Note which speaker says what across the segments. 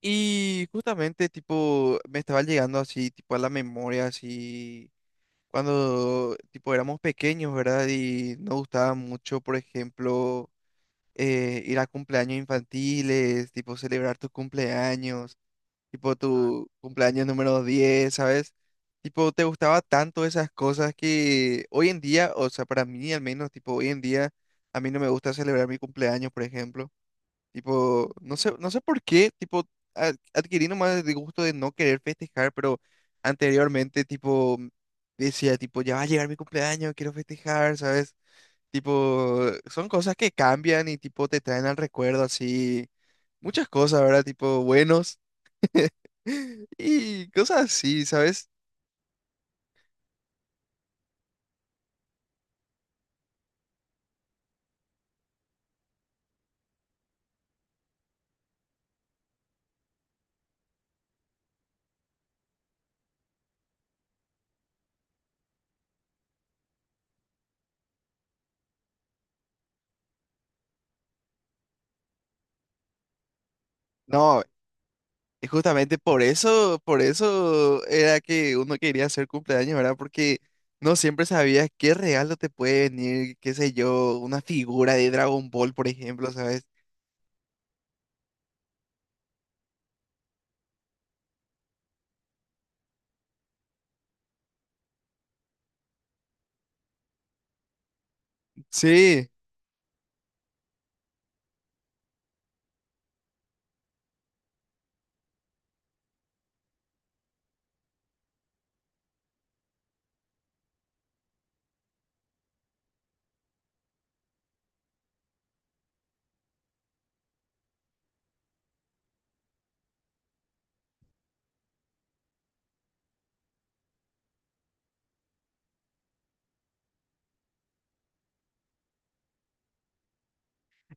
Speaker 1: Y justamente, tipo, me estaba llegando así, tipo, a la memoria, así, cuando, tipo, éramos pequeños, ¿verdad? Y nos gustaba mucho, por ejemplo, ir a cumpleaños infantiles, tipo, celebrar tus cumpleaños, tipo, tu cumpleaños número 10, ¿sabes? Tipo, te gustaba tanto esas cosas que hoy en día, o sea, para mí al menos, tipo, hoy en día, a mí no me gusta celebrar mi cumpleaños, por ejemplo. Tipo, no sé, no sé por qué, tipo, adquirí nomás el gusto de no querer festejar, pero anteriormente, tipo, decía, tipo, ya va a llegar mi cumpleaños, quiero festejar, ¿sabes? Tipo, son cosas que cambian y, tipo, te traen al recuerdo, así, muchas cosas, ¿verdad? Tipo, buenos y cosas así, ¿sabes? No, y justamente por eso era que uno quería hacer cumpleaños, ¿verdad? Porque no siempre sabías qué regalo te puede venir, qué sé yo, una figura de Dragon Ball, por ejemplo, ¿sabes? Sí,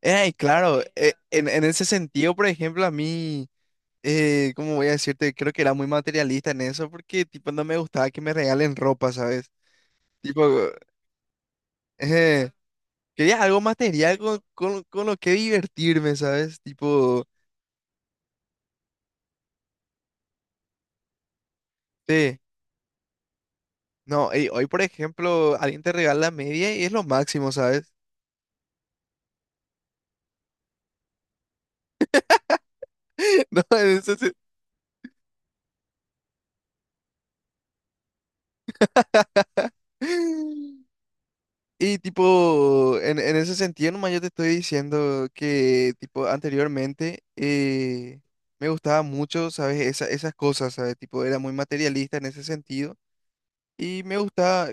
Speaker 1: claro, en ese sentido, por ejemplo, a mí, ¿cómo voy a decirte? Creo que era muy materialista en eso, porque tipo no me gustaba que me regalen ropa, ¿sabes? Tipo, eh, quería algo material con lo que divertirme, ¿sabes? Tipo... Sí. No, ey, hoy por ejemplo, alguien te regala media y es lo máximo, ¿sabes? No, Y tipo, en ese sentido nomás yo te estoy diciendo que tipo anteriormente me gustaba mucho, ¿sabes? Esas cosas, ¿sabes? Tipo, era muy materialista en ese sentido. Y me gustaba,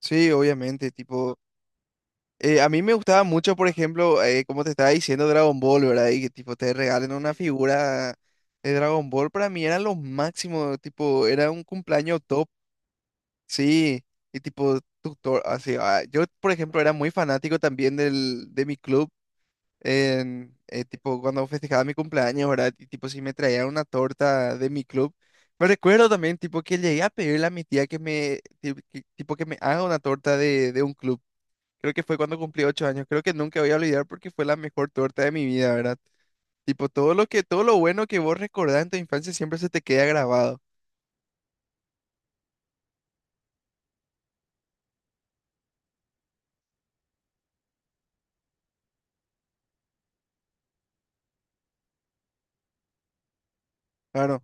Speaker 1: sí, obviamente, tipo... A mí me gustaba mucho, por ejemplo, como te estaba diciendo, Dragon Ball, ¿verdad? Y que tipo te regalen una figura de Dragon Ball, para mí era lo máximo, tipo, era un cumpleaños top, sí, y tipo, tutor, así, ah, yo, por ejemplo, era muy fanático también de mi club, tipo, cuando festejaba mi cumpleaños, ¿verdad? Y tipo, si me traían una torta de mi club, me recuerdo también, tipo, que llegué a pedirle a mi tía que me, tipo, que me haga una torta de un club. Creo que fue cuando cumplí 8 años. Creo que nunca voy a olvidar porque fue la mejor torta de mi vida, ¿verdad? Tipo, todo lo que, todo lo bueno que vos recordás en tu infancia siempre se te queda grabado. Claro.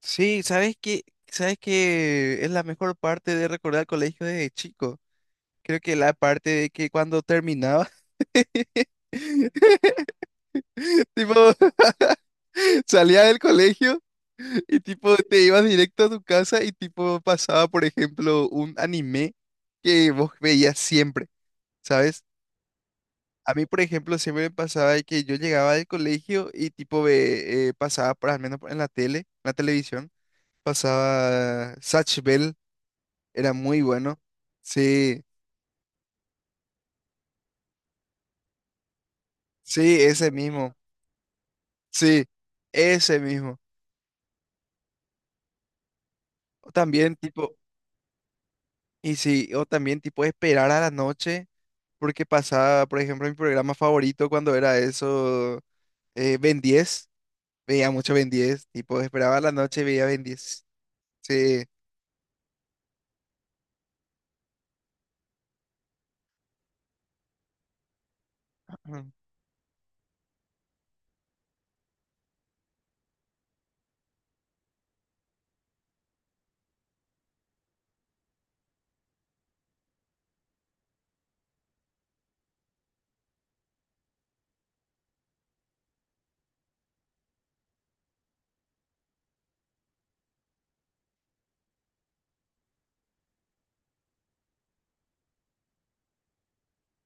Speaker 1: Sí, ¿sabes qué? ¿Sabes qué es la mejor parte de recordar el colegio desde chico? Creo que la parte de que cuando terminaba, tipo, salía del colegio y tipo te ibas directo a tu casa y tipo pasaba, por ejemplo, un anime que vos veías siempre. ¿Sabes? A mí, por ejemplo, siempre me pasaba de que yo llegaba del colegio y tipo pasaba, por al menos en la tele, en la televisión, pasaba Satch Bell, era muy bueno. Sí, sí, ese mismo. Sí, ese mismo. O también tipo, y sí, o también tipo esperar a la noche, porque pasaba, por ejemplo, mi programa favorito cuando era eso, Ben 10. Veía mucho Ben 10, tipo esperaba a la noche y veía Ben 10. Sí.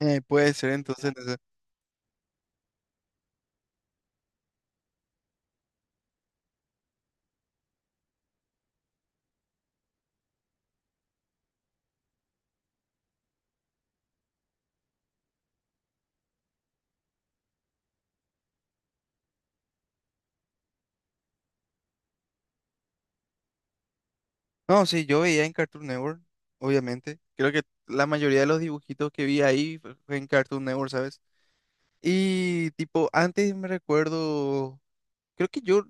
Speaker 1: Puede ser entonces. No sé. No, sí, yo veía en Cartoon Network, obviamente. Creo que la mayoría de los dibujitos que vi ahí fue en Cartoon Network, ¿sabes? Y tipo, antes me recuerdo, creo que yo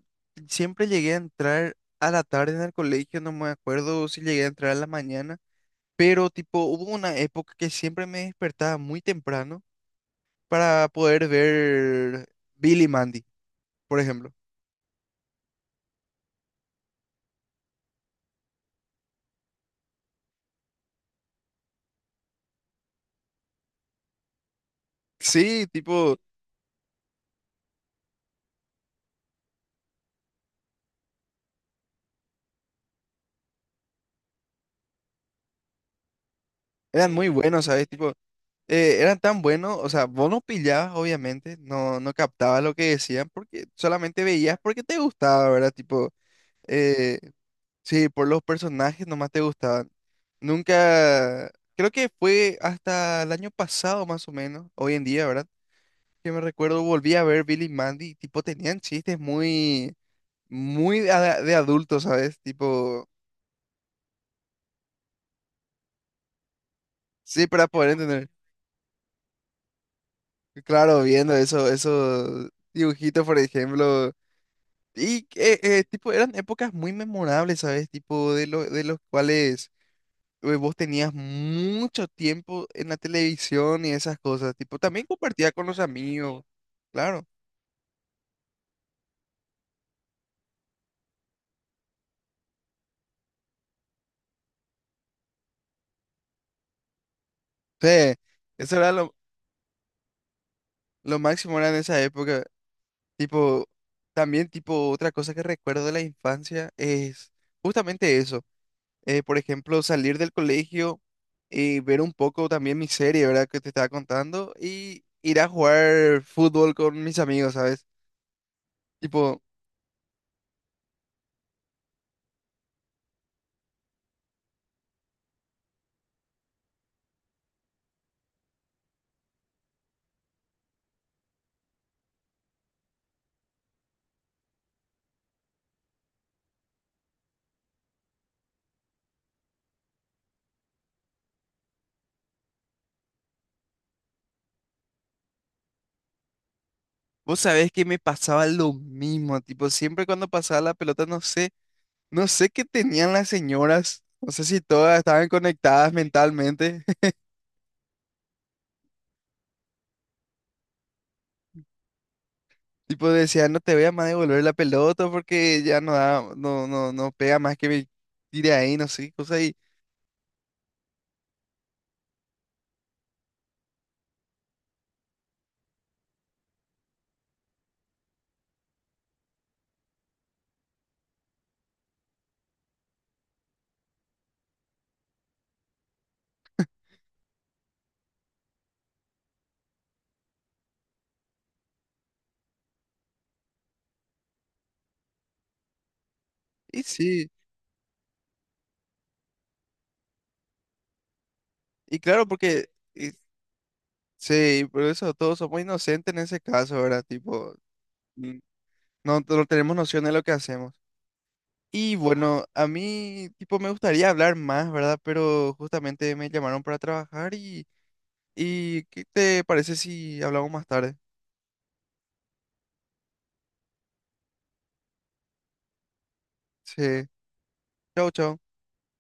Speaker 1: siempre llegué a entrar a la tarde en el colegio, no me acuerdo si llegué a entrar a la mañana, pero tipo, hubo una época que siempre me despertaba muy temprano para poder ver Billy Mandy, por ejemplo. Sí, tipo, eran muy buenos, ¿sabes? Tipo... eran tan buenos, o sea, vos no pillabas, obviamente, no, no captabas lo que decían porque solamente veías porque te gustaba, ¿verdad? Tipo, eh, sí, por los personajes nomás te gustaban. Nunca, creo que fue hasta el año pasado más o menos, hoy en día, ¿verdad? Que me recuerdo, volví a ver Billy y Mandy, y, tipo, tenían chistes muy, muy de adultos, ¿sabes? Tipo, sí, para poder entender. Claro, viendo eso, esos dibujitos, por ejemplo. Y tipo, eran épocas muy memorables, ¿sabes? Tipo, de los cuales vos tenías mucho tiempo en la televisión y esas cosas. Tipo, también compartía con los amigos, claro. Sí, eso era lo máximo era en esa época. Tipo, también, tipo, otra cosa que recuerdo de la infancia es justamente eso. Por ejemplo, salir del colegio y ver un poco también mi serie, ¿verdad? Que te estaba contando y ir a jugar fútbol con mis amigos, ¿sabes? Tipo, vos sabés que me pasaba lo mismo, tipo, siempre cuando pasaba la pelota, no sé, no sé qué tenían las señoras, no sé si todas estaban conectadas mentalmente, tipo, decían, no te voy a más devolver la pelota porque ya no da, no, no, no pega más que me tire ahí, no sé, cosas, y sí, y claro, porque, y sí, por eso todos somos inocentes en ese caso, ¿verdad? Tipo, mm, no, no tenemos noción de lo que hacemos. Y bueno, a mí tipo me gustaría hablar más, ¿verdad? Pero justamente me llamaron para trabajar y, ¿qué te parece si hablamos más tarde? Sí. Chao, chao.